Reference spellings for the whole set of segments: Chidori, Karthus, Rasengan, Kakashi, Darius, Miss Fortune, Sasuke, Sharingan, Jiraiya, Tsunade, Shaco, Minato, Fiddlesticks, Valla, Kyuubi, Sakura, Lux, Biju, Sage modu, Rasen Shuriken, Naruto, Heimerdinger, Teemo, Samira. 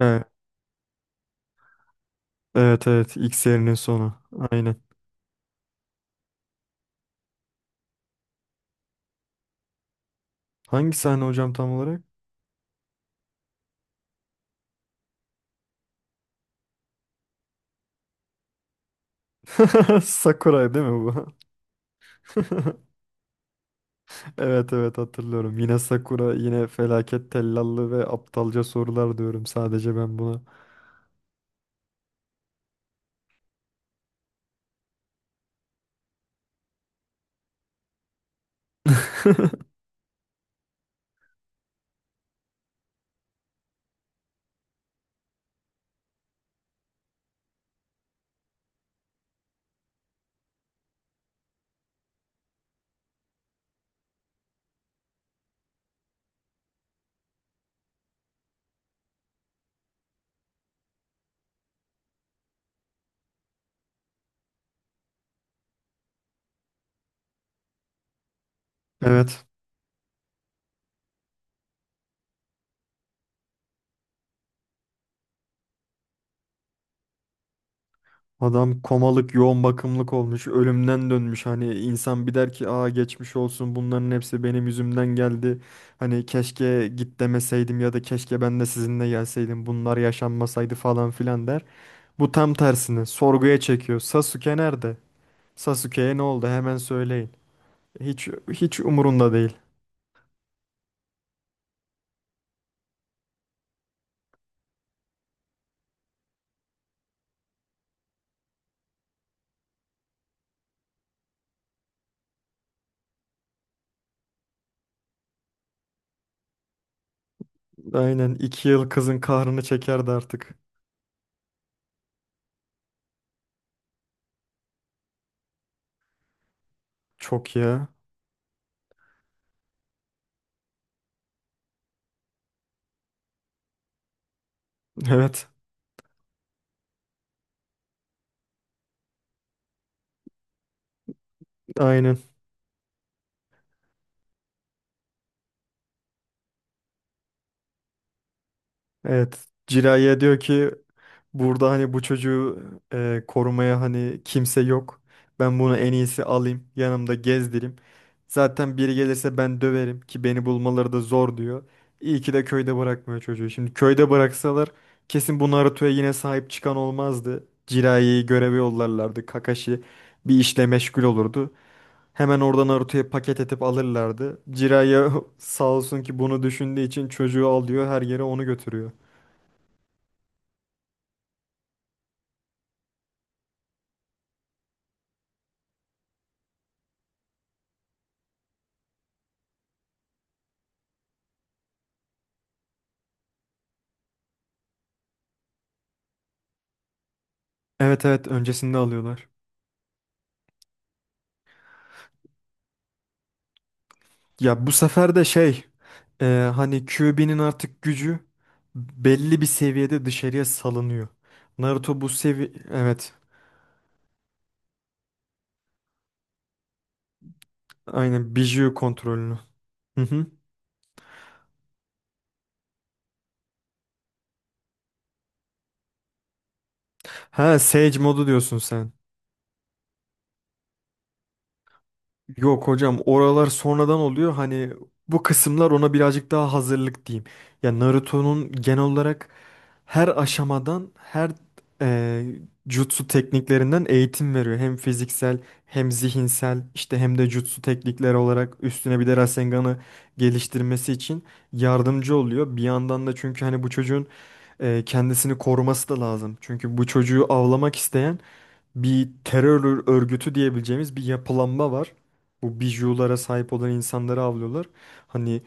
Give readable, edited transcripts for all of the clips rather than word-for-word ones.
Evet, evet, evet. X serinin sonu. Aynen. Hangi sahne hocam tam olarak? Sakuray değil mi bu? Evet, hatırlıyorum. Yine Sakura, yine felaket tellallı ve aptalca sorular diyorum sadece ben buna. Evet. Adam komalık, yoğun bakımlık olmuş, ölümden dönmüş. Hani insan bir der ki, "Aa geçmiş olsun. Bunların hepsi benim yüzümden geldi. Hani keşke git demeseydim ya da keşke ben de sizinle gelseydim. Bunlar yaşanmasaydı falan filan." der. Bu tam tersini sorguya çekiyor. Sasuke nerede? Sasuke'ye ne oldu? Hemen söyleyin. Hiç umurunda değil. Aynen, 2 yıl kızın kahrını çekerdi artık. Çok ya. Evet. Aynen. Evet. Jiraiya diyor ki, burada hani bu çocuğu korumaya hani kimse yok. Ben bunu en iyisi alayım, yanımda gezdireyim. Zaten biri gelirse ben döverim ki beni bulmaları da zor diyor. İyi ki de köyde bırakmıyor çocuğu. Şimdi köyde bıraksalar kesin bu Naruto'ya yine sahip çıkan olmazdı. Jiraiya göreve yollarlardı. Kakashi bir işle meşgul olurdu. Hemen oradan Naruto'ya paket edip alırlardı. Jiraiya sağ olsun ki bunu düşündüğü için çocuğu alıyor, her yere onu götürüyor. Evet, öncesinde alıyorlar. Ya bu sefer de e, hani Kyuubi'nin artık gücü belli bir seviyede dışarıya salınıyor. Naruto bu evet, aynen Biju kontrolünü. Hı hı. Ha Sage modu diyorsun sen. Yok hocam, oralar sonradan oluyor, hani bu kısımlar ona birazcık daha hazırlık diyeyim. Ya Naruto'nun genel olarak her aşamadan her e, jutsu tekniklerinden eğitim veriyor. Hem fiziksel hem zihinsel, işte hem de jutsu teknikleri olarak, üstüne bir de Rasengan'ı geliştirmesi için yardımcı oluyor. Bir yandan da, çünkü hani bu çocuğun kendisini koruması da lazım. Çünkü bu çocuğu avlamak isteyen bir terör örgütü diyebileceğimiz bir yapılanma var. Bu bijulara sahip olan insanları avlıyorlar. Hani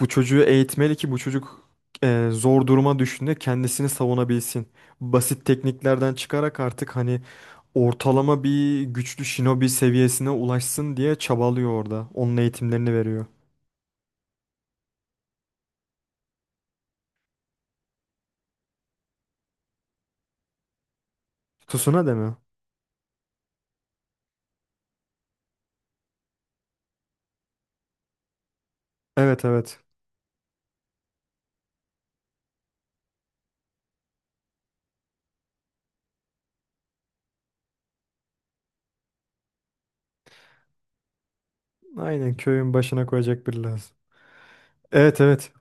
bu çocuğu eğitmeli ki bu çocuk zor duruma düştüğünde kendisini savunabilsin. Basit tekniklerden çıkarak artık hani ortalama bir güçlü shinobi seviyesine ulaşsın diye çabalıyor orada. Onun eğitimlerini veriyor. Tsunade mi? Evet. aynen. Köyün başına koyacak biri lazım. Evet, evet.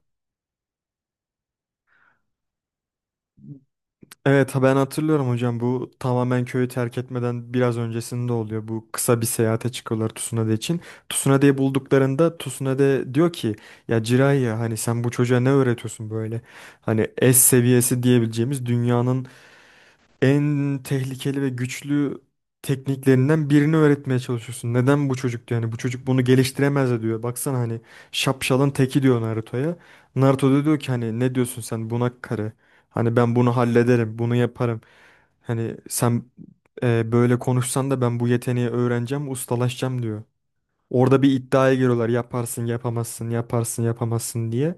Evet, ha ben hatırlıyorum hocam, bu tamamen köyü terk etmeden biraz öncesinde oluyor. Bu kısa bir seyahate çıkıyorlar Tsunade için. Tsunade'yi bulduklarında Tsunade diyor ki, ya Jiraiya hani sen bu çocuğa ne öğretiyorsun böyle? Hani S seviyesi diyebileceğimiz dünyanın en tehlikeli ve güçlü tekniklerinden birini öğretmeye çalışıyorsun. Neden bu çocuk diyor? Yani bu çocuk bunu geliştiremez de diyor. Baksana hani şapşalın teki diyor Naruto'ya. Naruto da diyor ki, hani ne diyorsun sen bunak karı? Hani ben bunu hallederim, bunu yaparım. Hani sen böyle konuşsan da ben bu yeteneği öğreneceğim, ustalaşacağım diyor. Orada bir iddiaya giriyorlar. Yaparsın, yapamazsın, yaparsın, yapamazsın diye.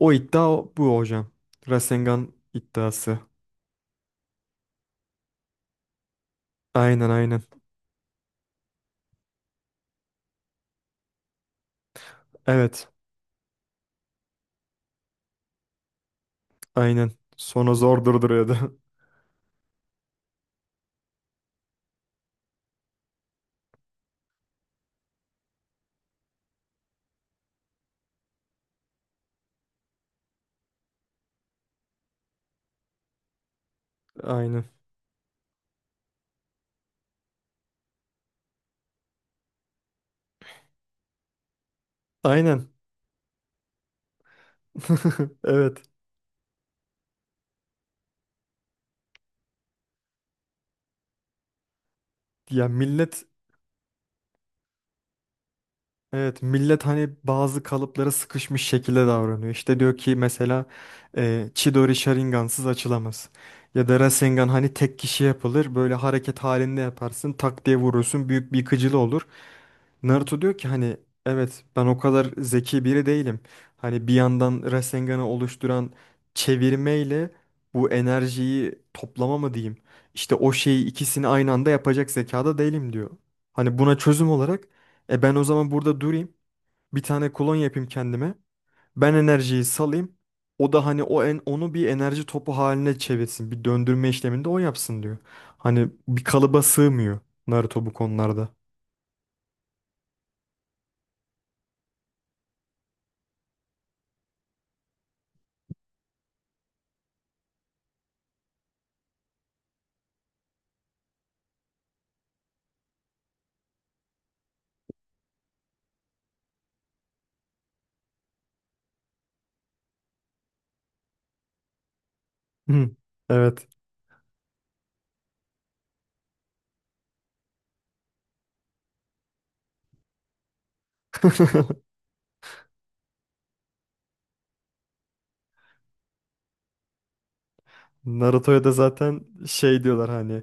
Bu hocam. Rasengan iddiası. Aynen, aynen. Evet. Aynen. Sonu zor durduruyordu. Aynen. Aynen. Evet. Ya millet Evet, millet hani bazı kalıplara sıkışmış şekilde davranıyor. İşte diyor ki mesela Chidori Sharingan'sız açılamaz. Ya da Rasengan hani tek kişi yapılır. Böyle hareket halinde yaparsın, tak diye vurursun, büyük bir yıkıcılığı olur. Naruto diyor ki hani, evet ben o kadar zeki biri değilim. Hani bir yandan Rasengan'ı oluşturan çevirmeyle bu enerjiyi toplama mı diyeyim? İşte o şeyi, ikisini aynı anda yapacak zekada değilim diyor. Hani buna çözüm olarak, e ben o zaman burada durayım. Bir tane klon yapayım kendime. Ben enerjiyi salayım. O da hani onu bir enerji topu haline çevirsin. Bir döndürme işlemini de o yapsın diyor. Hani bir kalıba sığmıyor Naruto bu konularda. Hı, evet. Naruto'ya da zaten şey diyorlar hani,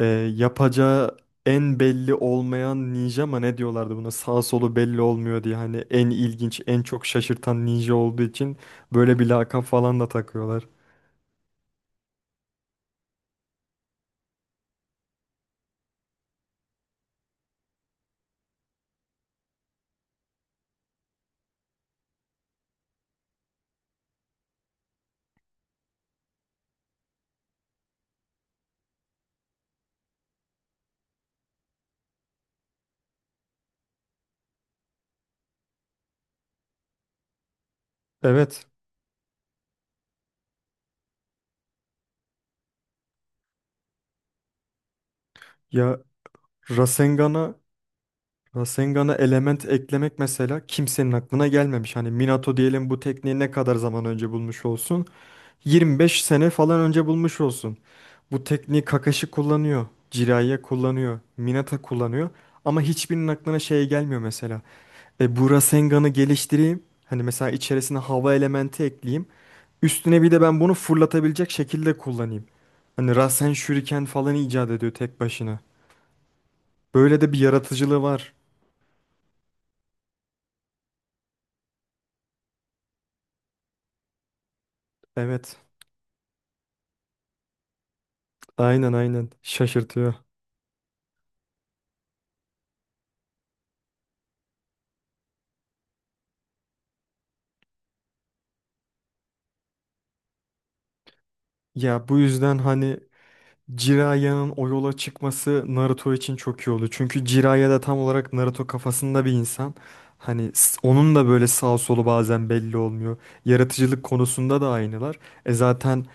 e, yapacağı en belli olmayan ninja mı ne diyorlardı buna, sağ solu belli olmuyor diye, hani en ilginç, en çok şaşırtan ninja olduğu için böyle bir lakap falan da takıyorlar. Evet. Ya Rasengan'a Rasengan'a element eklemek mesela kimsenin aklına gelmemiş. Hani Minato diyelim bu tekniği ne kadar zaman önce bulmuş olsun? 25 sene falan önce bulmuş olsun. Bu tekniği Kakashi kullanıyor, Jiraiya kullanıyor, Minato kullanıyor, ama hiçbirinin aklına şey gelmiyor mesela. E bu Rasengan'ı geliştireyim. Hani mesela içerisine hava elementi ekleyeyim. Üstüne bir de ben bunu fırlatabilecek şekilde kullanayım. Hani Rasen Shuriken falan icat ediyor tek başına. Böyle de bir yaratıcılığı var. Evet. Aynen, şaşırtıyor. Ya bu yüzden hani Jiraiya o yola çıkması Naruto için çok iyi oldu. Çünkü Jiraiya da tam olarak Naruto kafasında bir insan. Onun da böyle sağ solu bazen belli olmuyor. Yaratıcılık konusunda da aynılar. E zaten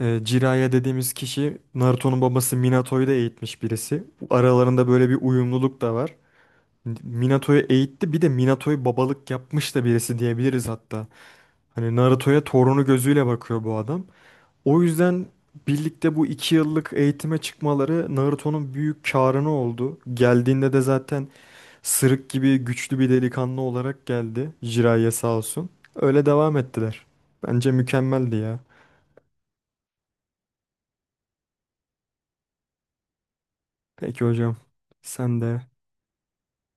Jiraiya dediğimiz kişi Naruto'nun babası Minato'yu da eğitmiş birisi. Bu aralarında böyle bir uyumluluk da var. Minato'yu eğitti, bir de Minato'yu babalık yapmış da birisi diyebiliriz hatta. Hani Naruto'ya torunu gözüyle bakıyor bu adam. O yüzden birlikte bu 2 yıllık eğitime çıkmaları Naruto'nun büyük karını oldu. Geldiğinde de zaten sırık gibi güçlü bir delikanlı olarak geldi. Jiraiya sağ olsun. Öyle devam ettiler. Bence mükemmeldi ya. Peki hocam. Sen de.